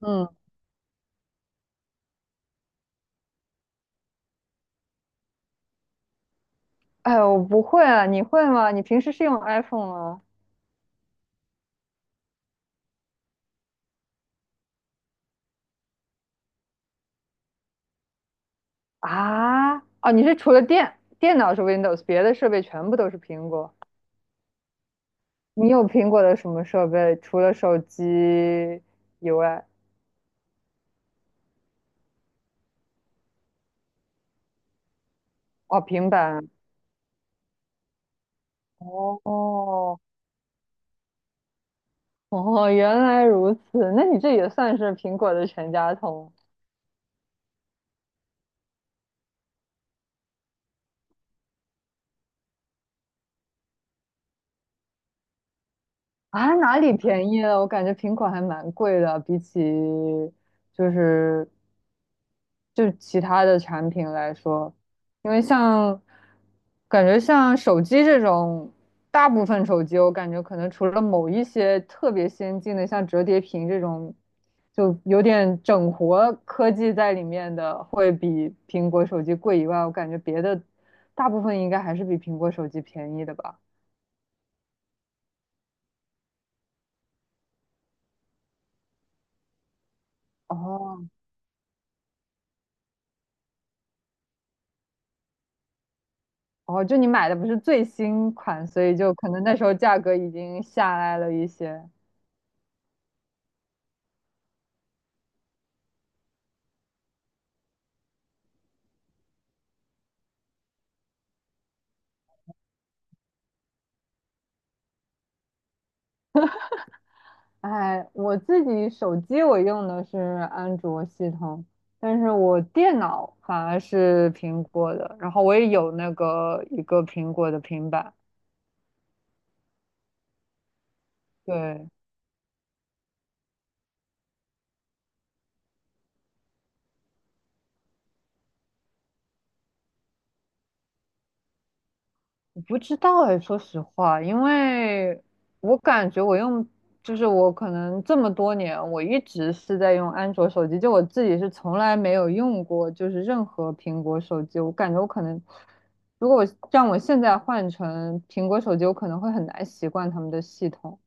嗯，哎，我不会啊，你会吗？你平时是用 iPhone 吗？啊，哦，你是除了电脑是 Windows，别的设备全部都是苹果。你有苹果的什么设备？除了手机以外，哦，平板。哦哦，原来如此，那你这也算是苹果的全家桶啊？哪里便宜了？我感觉苹果还蛮贵的，比起就是就是其他的产品来说，因为像感觉像手机这种，大部分手机我感觉可能除了某一些特别先进的，像折叠屏这种，就有点整活科技在里面的，会比苹果手机贵以外，我感觉别的大部分应该还是比苹果手机便宜的吧。哦哦，就你买的不是最新款，所以就可能那时候价格已经下来了一些。哎，我自己手机我用的是安卓系统，但是我电脑反而是苹果的，然后我也有那个一个苹果的平板。对，我不知道哎，说实话，因为我感觉我用，就是我可能这么多年，我一直是在用安卓手机，就我自己是从来没有用过，就是任何苹果手机，我感觉我可能。如果我让我现在换成苹果手机，我可能会很难习惯他们的系统。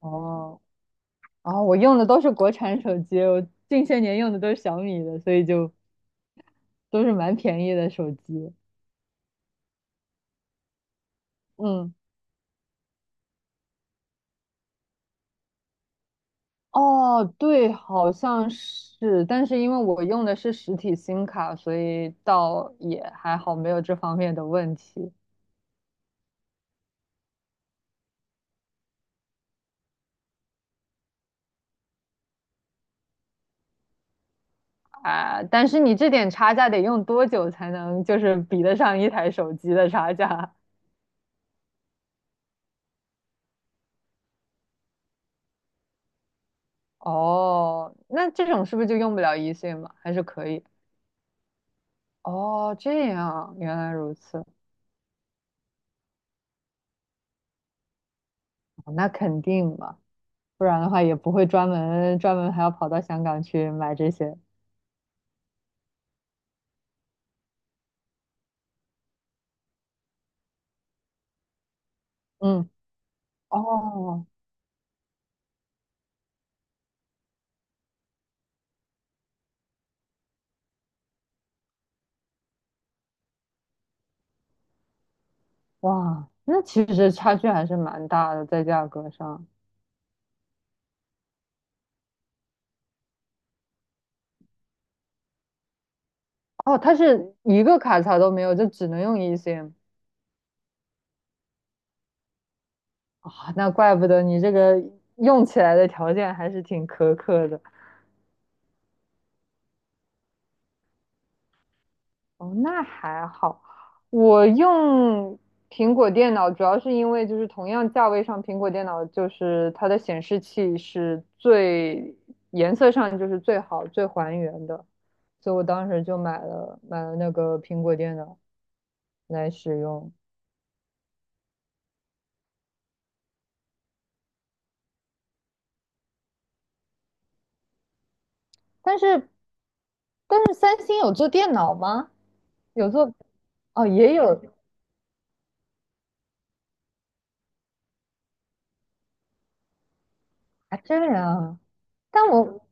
哦，啊，我用的都是国产手机，我近些年用的都是小米的，所以就都是蛮便宜的手机。嗯，哦，对，好像是，但是因为我用的是实体 SIM 卡，所以倒也还好，没有这方面的问题啊。但是你这点差价得用多久才能就是比得上一台手机的差价？哦，那这种是不是就用不了一岁嘛？还是可以？哦，这样，原来如此，哦那肯定嘛。不然的话也不会专门还要跑到香港去买这些。嗯，哦，哇，那其实差距还是蛮大的，在价格上。哦，它是一个卡槽都没有，就只能用 e s m 啊，那怪不得你这个用起来的条件还是挺苛刻的。哦，那还好。我用苹果电脑主要是因为就是同样价位上，苹果电脑就是它的显示器是最颜色上就是最好最还原的，所以我当时就买了那个苹果电脑来使用。但是但是三星有做电脑吗？有做哦，也有啊，这样。但我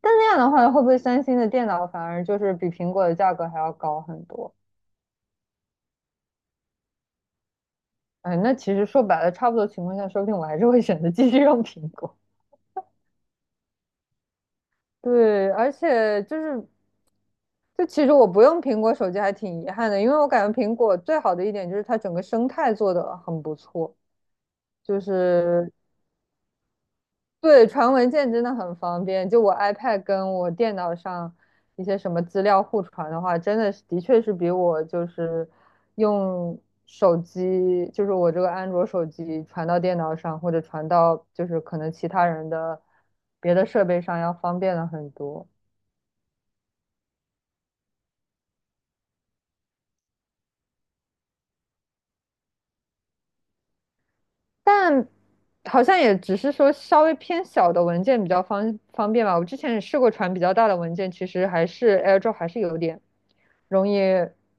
但那样的话，会不会三星的电脑反而就是比苹果的价格还要高很多？哎，那其实说白了，差不多情况下，说不定我还是会选择继续用苹果。对，而且就是，就其实我不用苹果手机还挺遗憾的，因为我感觉苹果最好的一点就是它整个生态做得很不错，就是对，传文件真的很方便。就我 iPad 跟我电脑上一些什么资料互传的话，真的是的确是比我就是用手机，就是我这个安卓手机传到电脑上，或者传到就是可能其他人的别的设备上要方便了很多。但好像也只是说稍微偏小的文件比较方便吧。我之前也试过传比较大的文件，其实还是 AirDrop 还是有点容易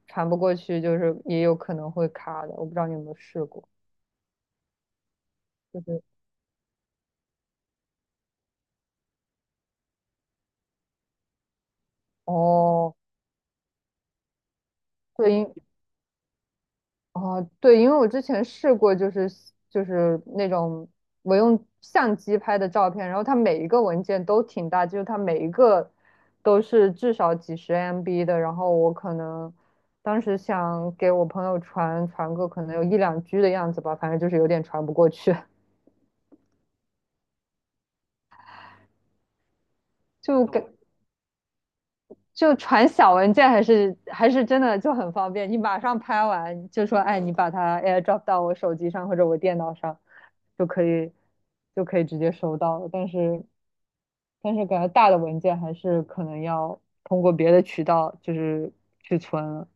传不过去，就是也有可能会卡的。我不知道你有没有试过，就是哦，对，哦，对，因为我之前试过，就是就是那种我用相机拍的照片，然后它每一个文件都挺大，就是它每一个都是至少几十 MB 的，然后我可能当时想给我朋友传个可能有一两 G 的样子吧，反正就是有点传不过去，就给。就传小文件还是真的就很方便，你马上拍完就说，哎，你把它 AirDrop 到我手机上或者我电脑上，就可以就可以直接收到了。但是感觉大的文件还是可能要通过别的渠道就是去存了。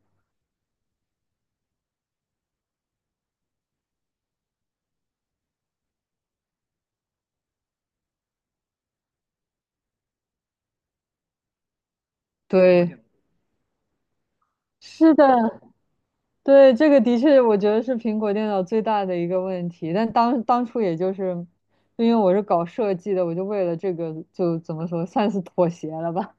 对，是的，对，这个的确，我觉得是苹果电脑最大的一个问题。但当初也就是，就因为我是搞设计的，我就为了这个就怎么说，算是妥协了吧，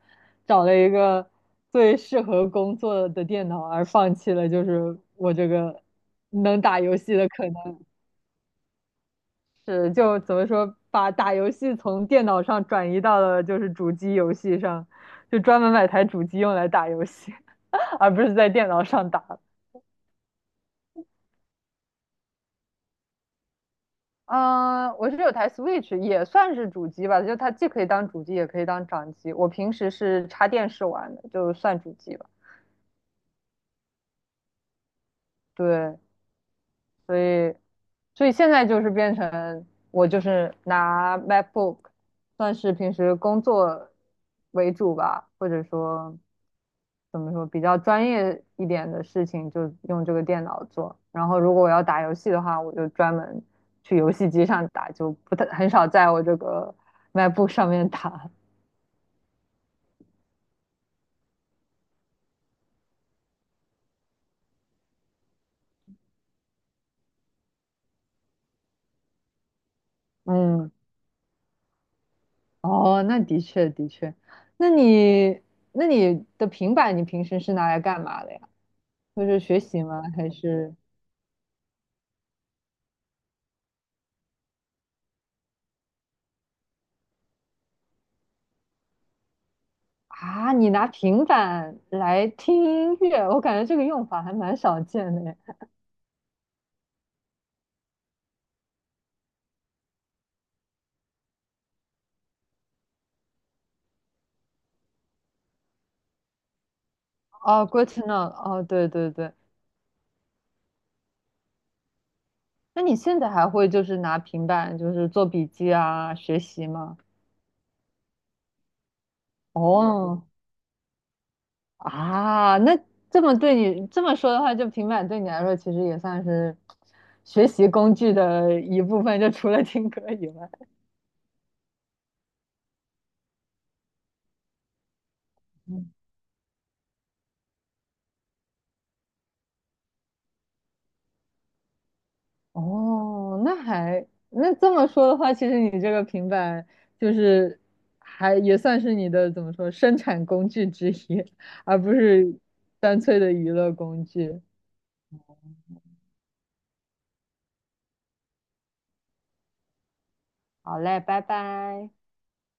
找了一个最适合工作的电脑，而放弃了就是我这个能打游戏的可能是就怎么说，把打游戏从电脑上转移到了就是主机游戏上，就专门买台主机用来打游戏，而不是在电脑上打。嗯，我是有台 Switch，也算是主机吧，就它既可以当主机，也可以当掌机。我平时是插电视玩的，就算主机吧。对，所以，所以现在就是变成我就是拿 MacBook，算是平时工作为主吧，或者说怎么说比较专业一点的事情就用这个电脑做。然后如果我要打游戏的话，我就专门去游戏机上打，就不太很少在我这个 MacBook 上面打。嗯，哦，那的确的确，那你那你的平板你平时是拿来干嘛的呀？就是学习吗？还是啊，你拿平板来听音乐？我感觉这个用法还蛮少见的耶哦 g r e t n o know。哦，对对对，那你现在还会就是拿平板就是做笔记啊，学习吗？哦，啊，那这么对你这么说的话，就平板对你来说其实也算是学习工具的一部分，就除了听歌以外。嗯哦，那这么说的话，其实你这个平板就是还也算是你的怎么说生产工具之一，而不是单粹的娱乐工具。好嘞，拜拜。